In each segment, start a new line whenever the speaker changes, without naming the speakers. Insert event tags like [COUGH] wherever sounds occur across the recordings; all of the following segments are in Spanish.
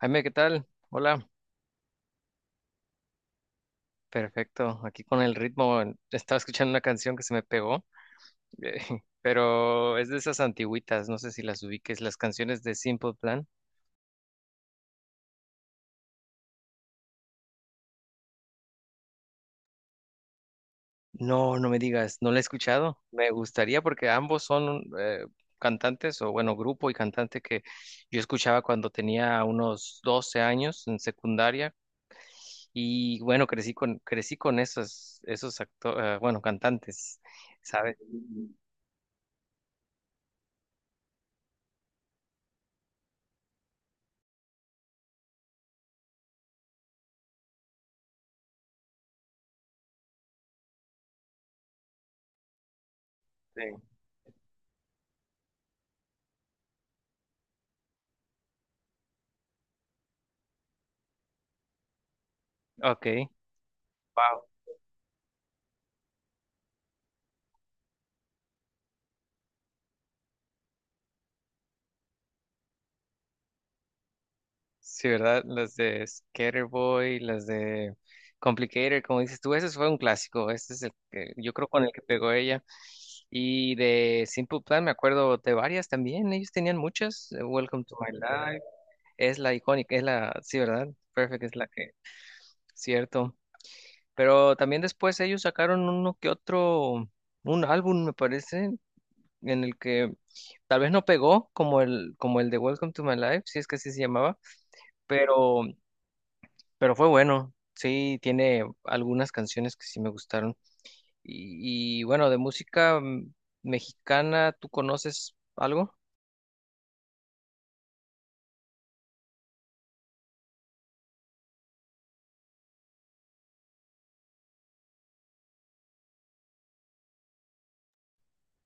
Jaime, ¿qué tal? Hola, perfecto. Aquí con el ritmo, estaba escuchando una canción que se me pegó, eh, [LAUGHS] pero es de esas antigüitas, no sé si las ubiques, las canciones de Simple Plan. No, no me digas, no la he escuchado. Me gustaría porque ambos son cantantes, o bueno, grupo y cantante que yo escuchaba cuando tenía unos 12 años en secundaria y bueno, crecí con esos bueno, cantantes, ¿sabes? Sí. Ok. Sí, ¿verdad? Las de Skaterboy, las de Complicated, como dices tú, ese fue un clásico, ese es el que yo creo con el que pegó ella. Y de Simple Plan me acuerdo de varias también, ellos tenían muchas, Welcome to My Life, es la icónica, sí, ¿verdad? Perfect cierto. Pero también después ellos sacaron uno que otro, un álbum me parece, en el que tal vez no pegó como como el de Welcome to My Life, si es que así se llamaba, pero Pero fue bueno, sí, tiene algunas canciones que sí me gustaron. Bueno, de música mexicana, ¿tú conoces algo?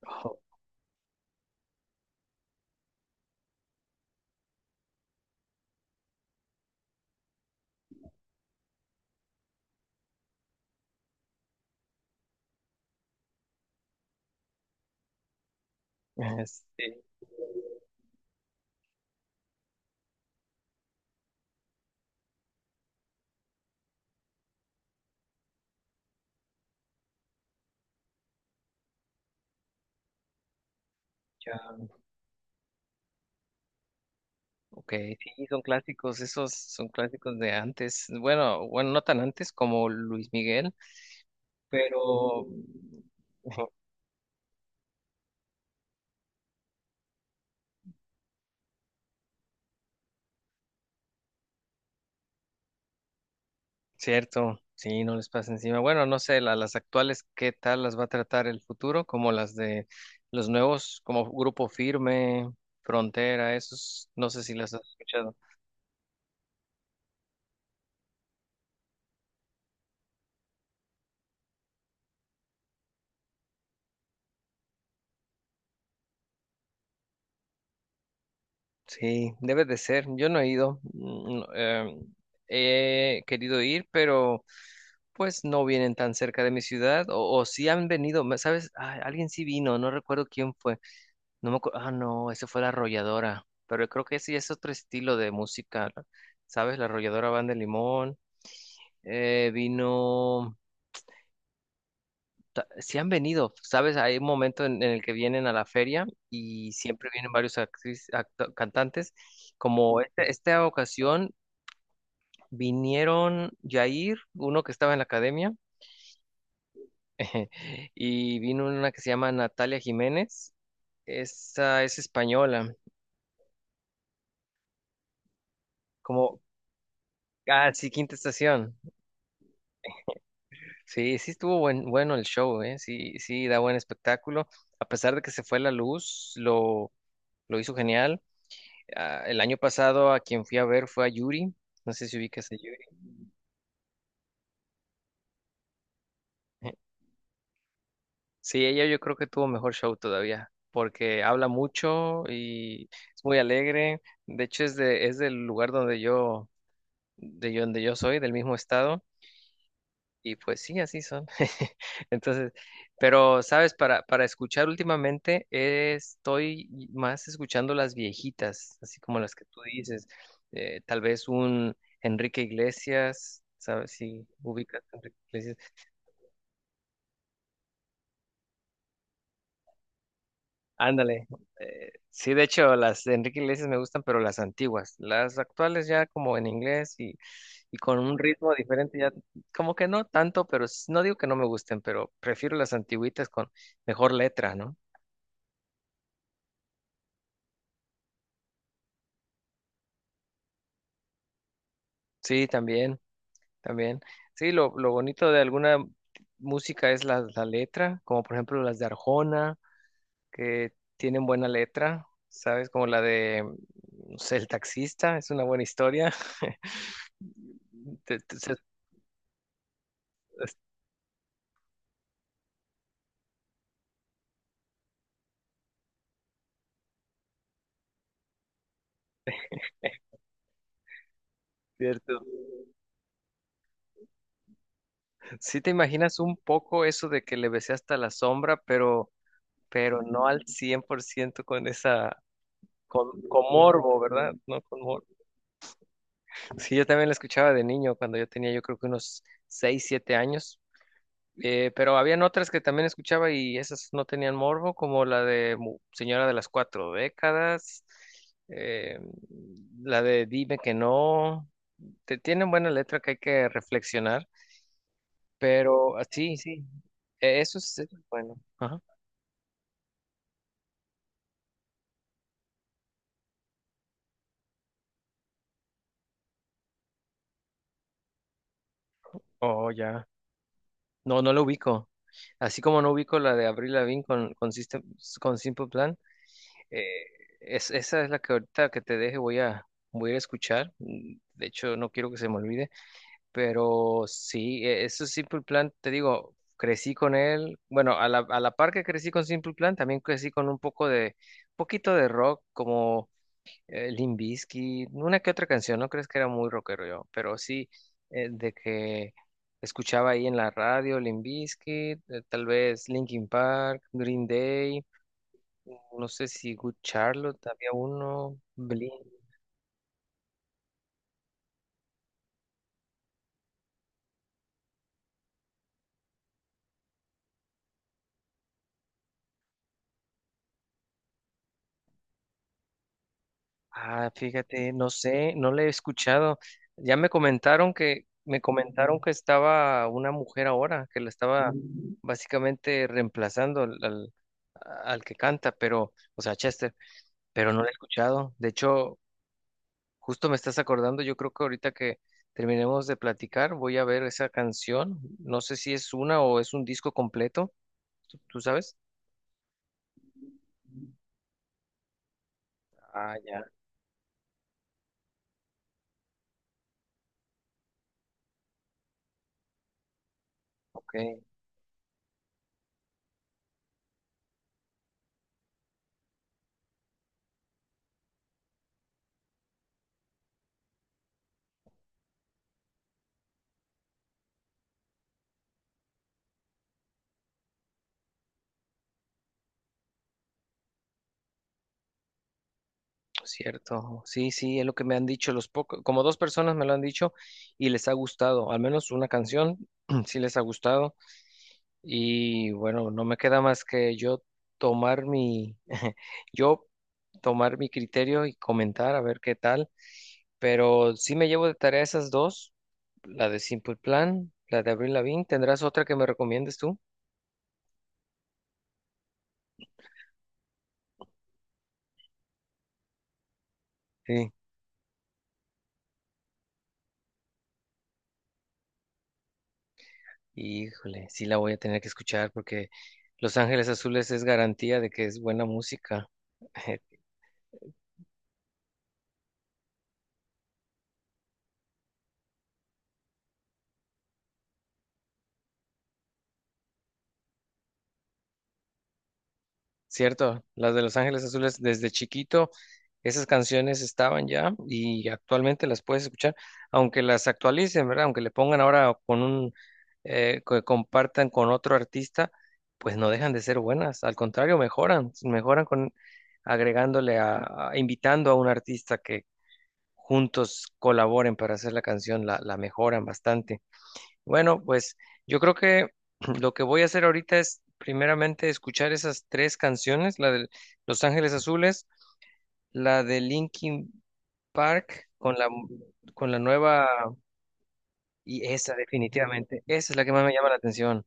Oh. [LAUGHS] Este, ya, ok, sí, son clásicos, esos son clásicos de antes. Bueno, bueno, no tan antes como Luis Miguel, pero. [LAUGHS] Cierto, sí, no les pasa encima. Bueno, no sé, las actuales, ¿qué tal las va a tratar el futuro? Como las de los nuevos, como Grupo Firme, Frontera, esos, no sé si las has escuchado. Sí, debe de ser. Yo no he ido, no, he querido ir, pero pues no vienen tan cerca de mi ciudad, o sí han venido, ¿sabes? Ah, alguien sí vino, no recuerdo quién fue. No me acuerdo. Ah, no, ese fue La Arrolladora. Pero yo creo que sí es otro estilo de música, ¿no? ¿Sabes? La Arrolladora Banda de Limón, vino. Sí han venido, ¿sabes? Hay un momento en el que vienen a la feria y siempre vienen varios cantantes. Como esta ocasión vinieron Jair, uno que estaba en la academia, [LAUGHS] y vino una que se llama Natalia Jiménez. Esa es española. Como. Ah, sí, Quinta Estación. Sí, sí estuvo bueno el show, ¿eh? Sí, sí, da buen espectáculo. A pesar de que se fue la luz, lo hizo genial. Ah, el año pasado a quien fui a ver fue a Yuri. No sé si ubicas a Yuri. [LAUGHS] Sí, ella yo creo que tuvo mejor show todavía, porque habla mucho y es muy alegre. De hecho, es del lugar de donde yo soy, del mismo estado. Y pues sí, así son. [LAUGHS] Entonces, pero sabes, para escuchar últimamente estoy más escuchando las viejitas, así como las que tú dices. Tal vez un Enrique Iglesias, ¿sabes? Si ubicas a Enrique Iglesias. Ándale. Sí, de hecho, las de Enrique Iglesias me gustan, pero las antiguas. Las actuales ya como en inglés y con un ritmo diferente ya, como que no tanto, pero no digo que no me gusten, pero prefiero las antiguitas con mejor letra, ¿no? Sí, también, también. Sí, lo bonito de alguna música es la letra, como por ejemplo las de Arjona, que tienen buena letra, ¿sabes? Como la de, no sé, El taxista, es una buena historia. [LAUGHS] Te- te- se- Es cierto. Sí te imaginas un poco eso de que le besé hasta la sombra, pero no al 100% con esa, con morbo, ¿verdad? No con morbo. Sí, yo también la escuchaba de niño, cuando yo tenía yo creo que unos 6 7 años. Pero habían otras que también escuchaba y esas no tenían morbo, como la de Señora de las Cuatro Décadas, eh, la de Dime que no. Tienen buena letra que hay que reflexionar, pero ah, sí, sí, eso es bueno. Ajá. Oh, ya. No, no lo ubico. Así como no ubico la de Avril Lavigne con Simple Plan, eh, esa es la que ahorita que te deje voy a ir a escuchar. Mm. De hecho, no quiero que se me olvide. Pero sí, eso es Simple Plan, te digo, crecí con él. Bueno, a la par que crecí con Simple Plan, también crecí con un poquito de rock, como Limp Bizkit, una que otra canción, no crees que era muy rockero yo, pero sí, de que escuchaba ahí en la radio Limp Bizkit, tal vez Linkin Park, Green Day, no sé si Good Charlotte, había uno, Blink. Ah, fíjate, no sé, no le he escuchado. Ya me comentaron que estaba una mujer ahora, que la estaba, ujú, básicamente reemplazando al que canta, pero, o sea, Chester, pero no le he escuchado. De hecho, justo me estás acordando, yo creo que ahorita que terminemos de platicar, voy a ver esa canción. No sé si es una o es un disco completo, ¿ tú sabes? Ah, ya, ok. Pues cierto, sí, sí, es lo que me han dicho los pocos, como dos personas me lo han dicho y les ha gustado, al menos una canción [CLEARS THROAT] sí les ha gustado y bueno, no me queda más que yo tomar mi, [LAUGHS] yo tomar mi criterio y comentar a ver qué tal, pero sí me llevo de tarea esas dos, la de Simple Plan, la de Avril Lavigne, ¿tendrás otra que me recomiendes tú? Sí. Híjole, sí la voy a tener que escuchar porque Los Ángeles Azules es garantía de que es buena música. [LAUGHS] Cierto, las de Los Ángeles Azules desde chiquito, esas canciones estaban ya y actualmente las puedes escuchar, aunque las actualicen, ¿verdad? Aunque le pongan ahora con un, que compartan con otro artista, pues no dejan de ser buenas, al contrario, mejoran, mejoran con agregándole invitando a un artista que juntos colaboren para hacer la canción, la mejoran bastante. Bueno, pues yo creo que [CLEARS THROAT] lo que voy a hacer ahorita es primeramente escuchar esas tres canciones, la de Los Ángeles Azules, la de Linkin Park con la nueva y esa definitivamente, esa es la que más me llama la atención,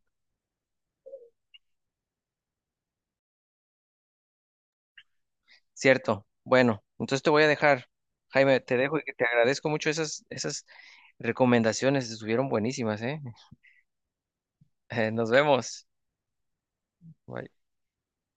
¿cierto? Bueno, entonces te voy a dejar, Jaime, te dejo y que te agradezco mucho esas recomendaciones, estuvieron buenísimas, ¿eh? [LAUGHS] Nos vemos. Bye.